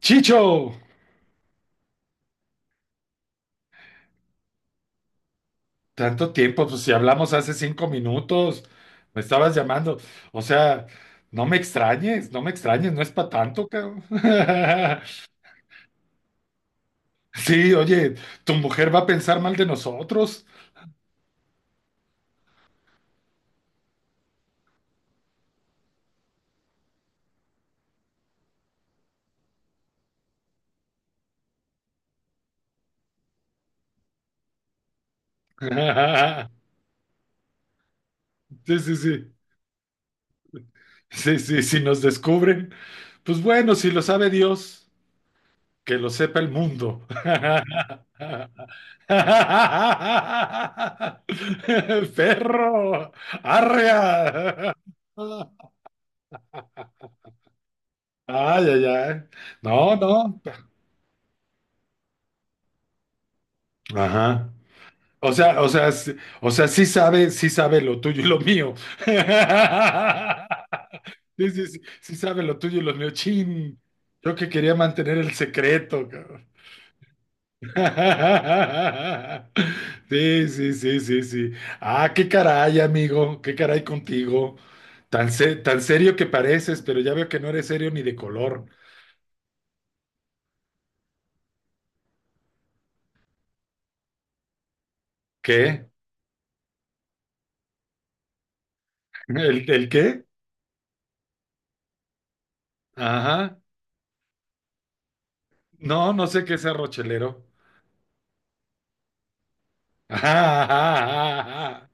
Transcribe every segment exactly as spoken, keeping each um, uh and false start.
Chicho, tanto tiempo, pues si hablamos hace cinco minutos, me estabas llamando. O sea, no me extrañes, no me extrañes, no es para tanto, cabrón. Sí, oye, tu mujer va a pensar mal de nosotros. Sí, sí, sí. Sí, sí, si nos descubren. Pues bueno, si lo sabe Dios, que lo sepa el mundo. Perro, arrea. Ah, ya, ya. No, no. Ajá. O sea, o sea, sí- o sea, sí sabe, sí sabe lo tuyo y lo mío. Sí, sí, sí, sí sabe lo tuyo y lo mío. Chin. Yo que quería mantener el secreto, cabrón. Sí, sí, sí, sí, sí. Ah, qué caray, amigo. Qué caray contigo. Tan, se- tan serio que pareces, pero ya veo que no eres serio ni de color. ¿Qué? ¿El, el qué? Ajá. No, no sé qué sea rochelero. Ajá, ajá, ajá, ajá.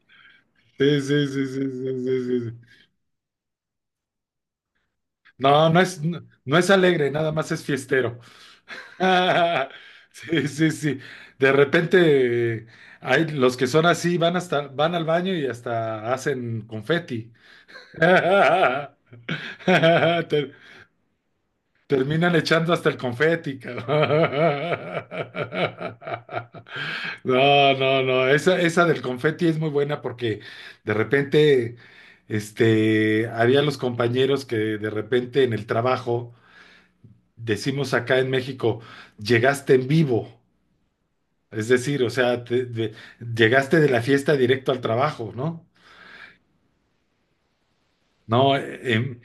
Sí, sí, sí, sí, sí, sí, sí, sí. No, no es, no, no es alegre, nada más es fiestero. Sí, sí, sí. De repente, eh, hay los que son así, van hasta, van al baño y hasta hacen confeti. Te, Terminan echando hasta el confeti, cabrón. No, no, no. Esa, esa del confeti es muy buena porque de repente, este, había los compañeros que de repente en el trabajo, decimos acá en México, llegaste en vivo. Es decir, o sea, te- de- llegaste de la fiesta directo al trabajo, ¿no? No, en,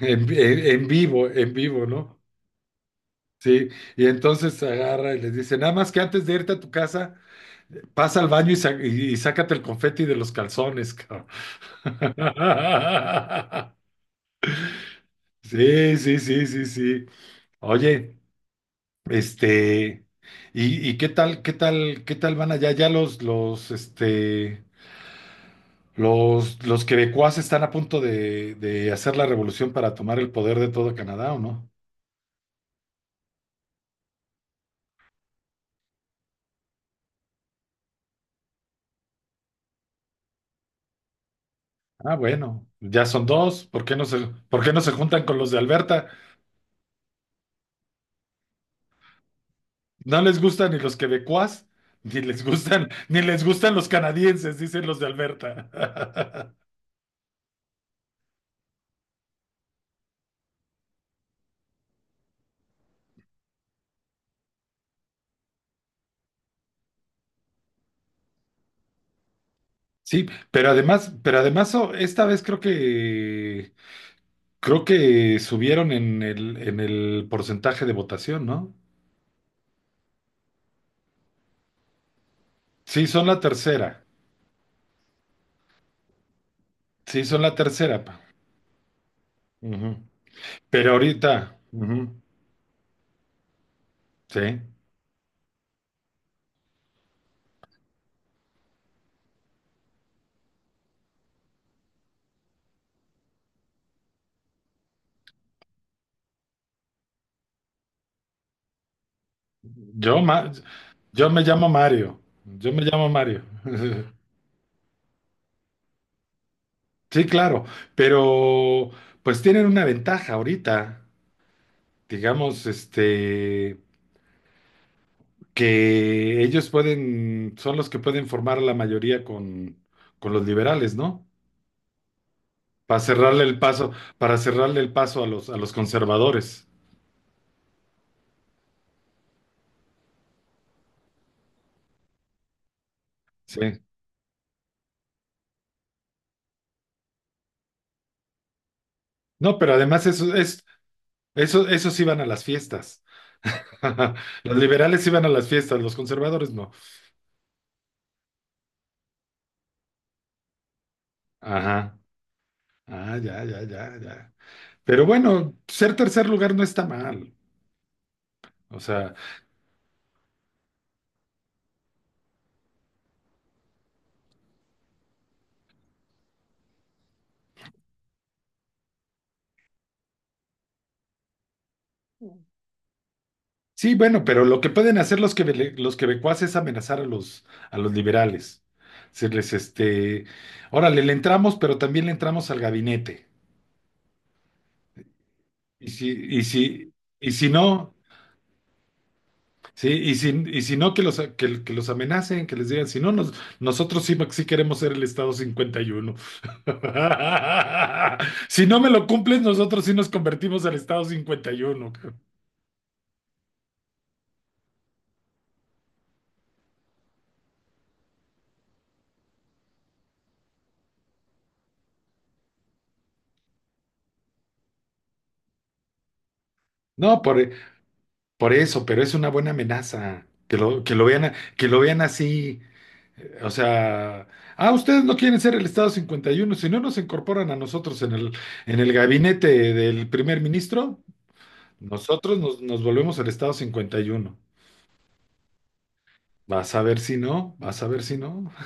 en en- en vivo, en vivo, ¿no? Sí, y entonces agarra y les dice, nada más que antes de irte a tu casa, pasa al baño y, sa- y- y sácate el confeti de los calzones, cabrón. Sí, sí, sí, sí, sí. Oye, este, ¿y, y qué tal, qué tal, qué tal van allá? Ya los, los, este, los, los quebecuas están a punto de, de hacer la revolución para tomar el poder de todo Canadá, ¿o no? Ah, bueno, ya son dos. ¿Por qué no se, por qué no se juntan con los de Alberta? No les gustan ni los quebecuas, ni les gustan, ni les gustan los canadienses, dicen los de Alberta. Sí, pero además, pero además oh, esta vez creo que creo que subieron en el en el porcentaje de votación, ¿no? Sí, son la tercera. Sí, son la tercera. Pa. Ujú. Pero ahorita, ujú, sí. Yo ma- yo me llamo Mario. Yo me llamo Mario. Sí, claro, pero pues tienen una ventaja ahorita. Digamos, este, que ellos pueden, son los que pueden formar a la mayoría con, con los liberales, ¿no? Para cerrarle el paso, para cerrarle el paso a los, a los conservadores. Sí. No, pero además eso, es, eso, esos iban a las fiestas. Los liberales iban a las fiestas, los conservadores no. Ajá. Ah, ya, ya, ya, ya. Pero bueno, ser tercer lugar no está mal. O sea, sí, bueno, pero lo que pueden hacer los quebe- los quebecuas es amenazar a los, a los liberales. Decirles, este, órale, le entramos, pero también le entramos al gabinete. Y si, y si, y si no, sí, y si, y si no, que los, que, que los amenacen, que les digan, si no, nos, nosotros sí, sí queremos ser el Estado cincuenta y uno. Si no me lo cumples, nosotros sí nos convertimos al Estado cincuenta y uno, cabrón. No, por, e, por eso, pero es una buena amenaza. Que lo, que lo vean, a- que lo vean así. eh, O sea, ah, ustedes no quieren ser el Estado cincuenta y uno, si no nos incorporan a nosotros en el, en el gabinete del primer ministro, nosotros nos, nos volvemos el Estado cincuenta y uno. Vas a ver si no, vas a ver si no.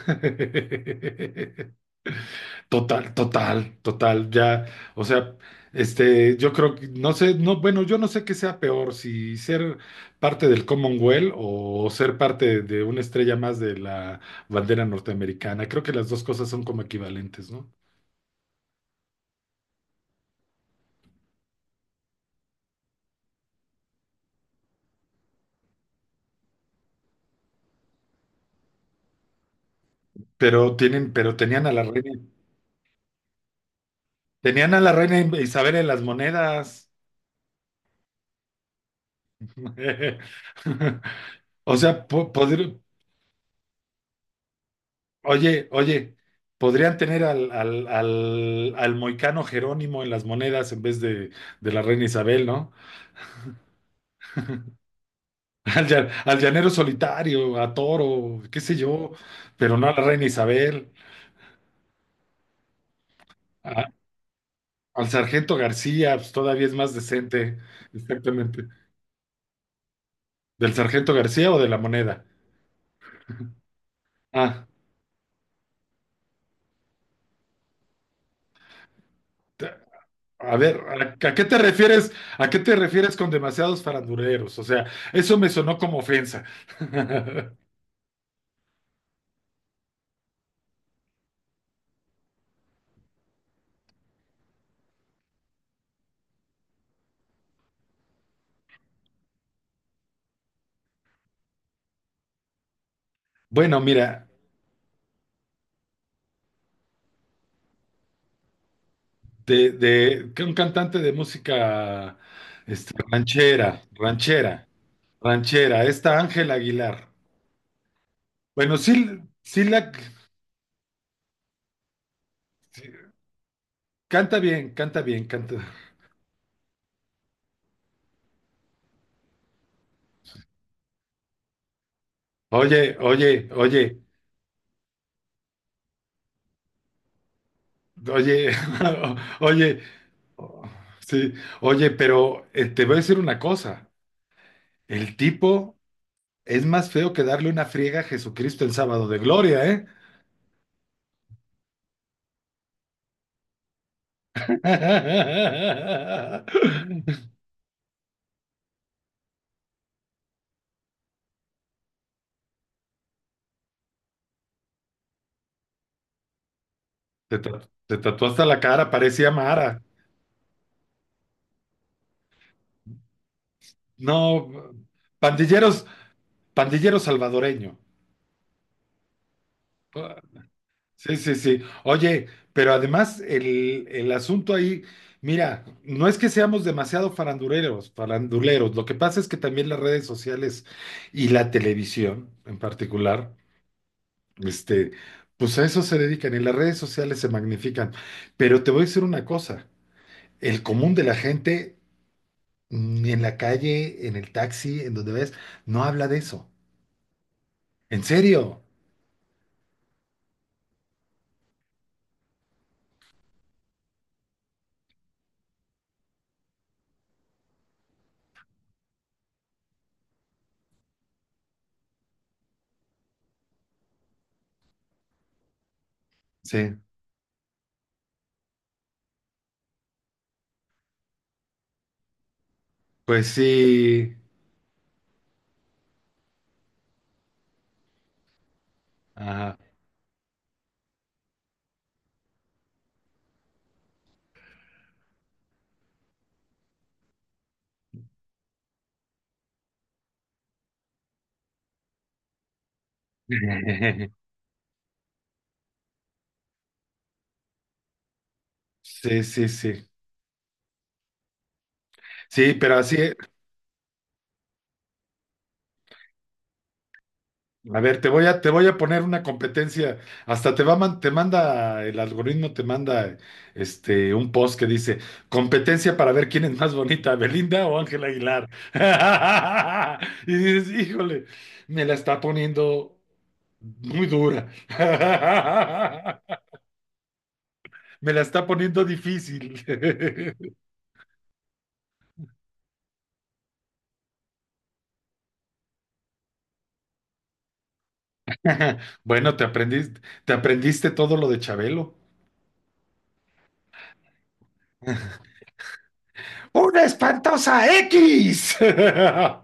Total, total, total, ya, o sea, este, yo creo que, no sé, no, bueno, yo no sé qué sea peor, si ser parte del Commonwealth o ser parte de una estrella más de la bandera norteamericana, creo que las dos cosas son como equivalentes, ¿no? Pero tienen, pero tenían a la reina, tenían a la reina, Isabel en las monedas. O sea, po- podri- Oye, oye, podrían tener al, al, al, al moicano Jerónimo en las monedas en vez de, de la reina Isabel, ¿no? Al, llan- al llanero solitario, a Toro, qué sé yo, pero no a la reina Isabel. A- al sargento García, pues todavía es más decente, exactamente. ¿Del sargento García o de la moneda? Ah, te- a ver, ¿a, a qué te refieres? ¿A qué te refieres con demasiados farandureros? O sea, eso me sonó como ofensa. Bueno, mira. de, de que un cantante de música este, ranchera, ranchera, ranchera, esta Ángel Aguilar. Bueno, sí, sí la canta bien, canta bien, canta. Oye, oye, oye, oye, oye, sí, oye, pero eh, te voy a decir una cosa, el tipo es más feo que darle una friega a Jesucristo el sábado de gloria, ¿eh? Te, ta- te tatuó hasta la cara, parecía Mara. No, pandilleros, pandillero salvadoreño. Sí, sí, sí. Oye, pero además el, el asunto ahí, mira, no es que seamos demasiado faranduleros, faranduleros. Lo que pasa es que también las redes sociales y la televisión en particular, este, pues a eso se dedican y las redes sociales se magnifican. Pero te voy a decir una cosa, el común de la gente, ni en la calle, en el taxi, en donde ves, no habla de eso. En serio. Sí. Pues sí. Ajá. Sí, sí, sí. Sí, pero así, eh, a ver, te voy a, te voy a poner una competencia. Hasta te va a man- te manda, el algoritmo te manda este un post que dice competencia para ver quién es más bonita, Belinda o Ángela Aguilar. Y dices, híjole, me la está poniendo muy dura. Me la está poniendo difícil. Bueno, te aprendiste, te aprendiste todo lo de Chabelo. ¡Una espantosa X!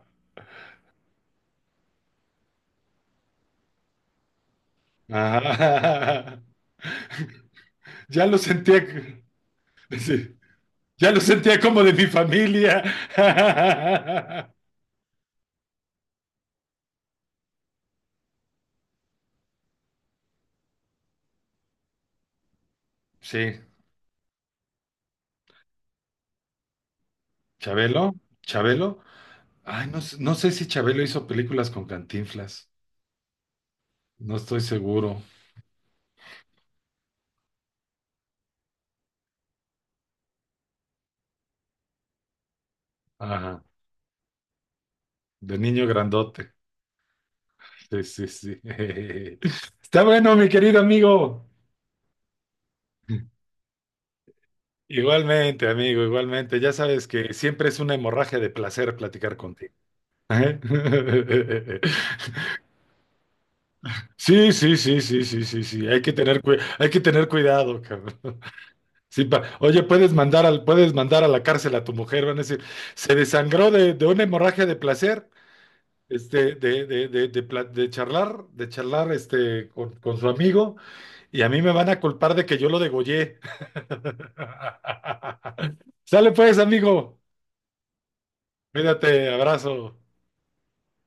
Ah, ya lo sentía. Sí, ya lo sentía como de mi familia. Sí, Chabelo, Chabelo. Ay, no, sé- no sé si Chabelo hizo películas con Cantinflas. No estoy seguro. Ajá, de niño grandote. Sí, sí, sí. Está bueno, mi querido amigo. Igualmente, amigo, igualmente. Ya sabes que siempre es una hemorragia de placer platicar contigo. Ajá. Sí, sí, sí, sí, sí, sí, sí. Hay que tener cui- hay que tener cuidado, cabrón. Sí, pa- oye, puedes mandar al, puedes mandar a la cárcel a tu mujer, van a decir, se desangró de, de una hemorragia de placer, este, de, de, de, de, pla- de charlar, de charlar este, con, con su amigo, y a mí me van a culpar de que yo lo degollé. Sale pues, amigo. Cuídate, abrazo.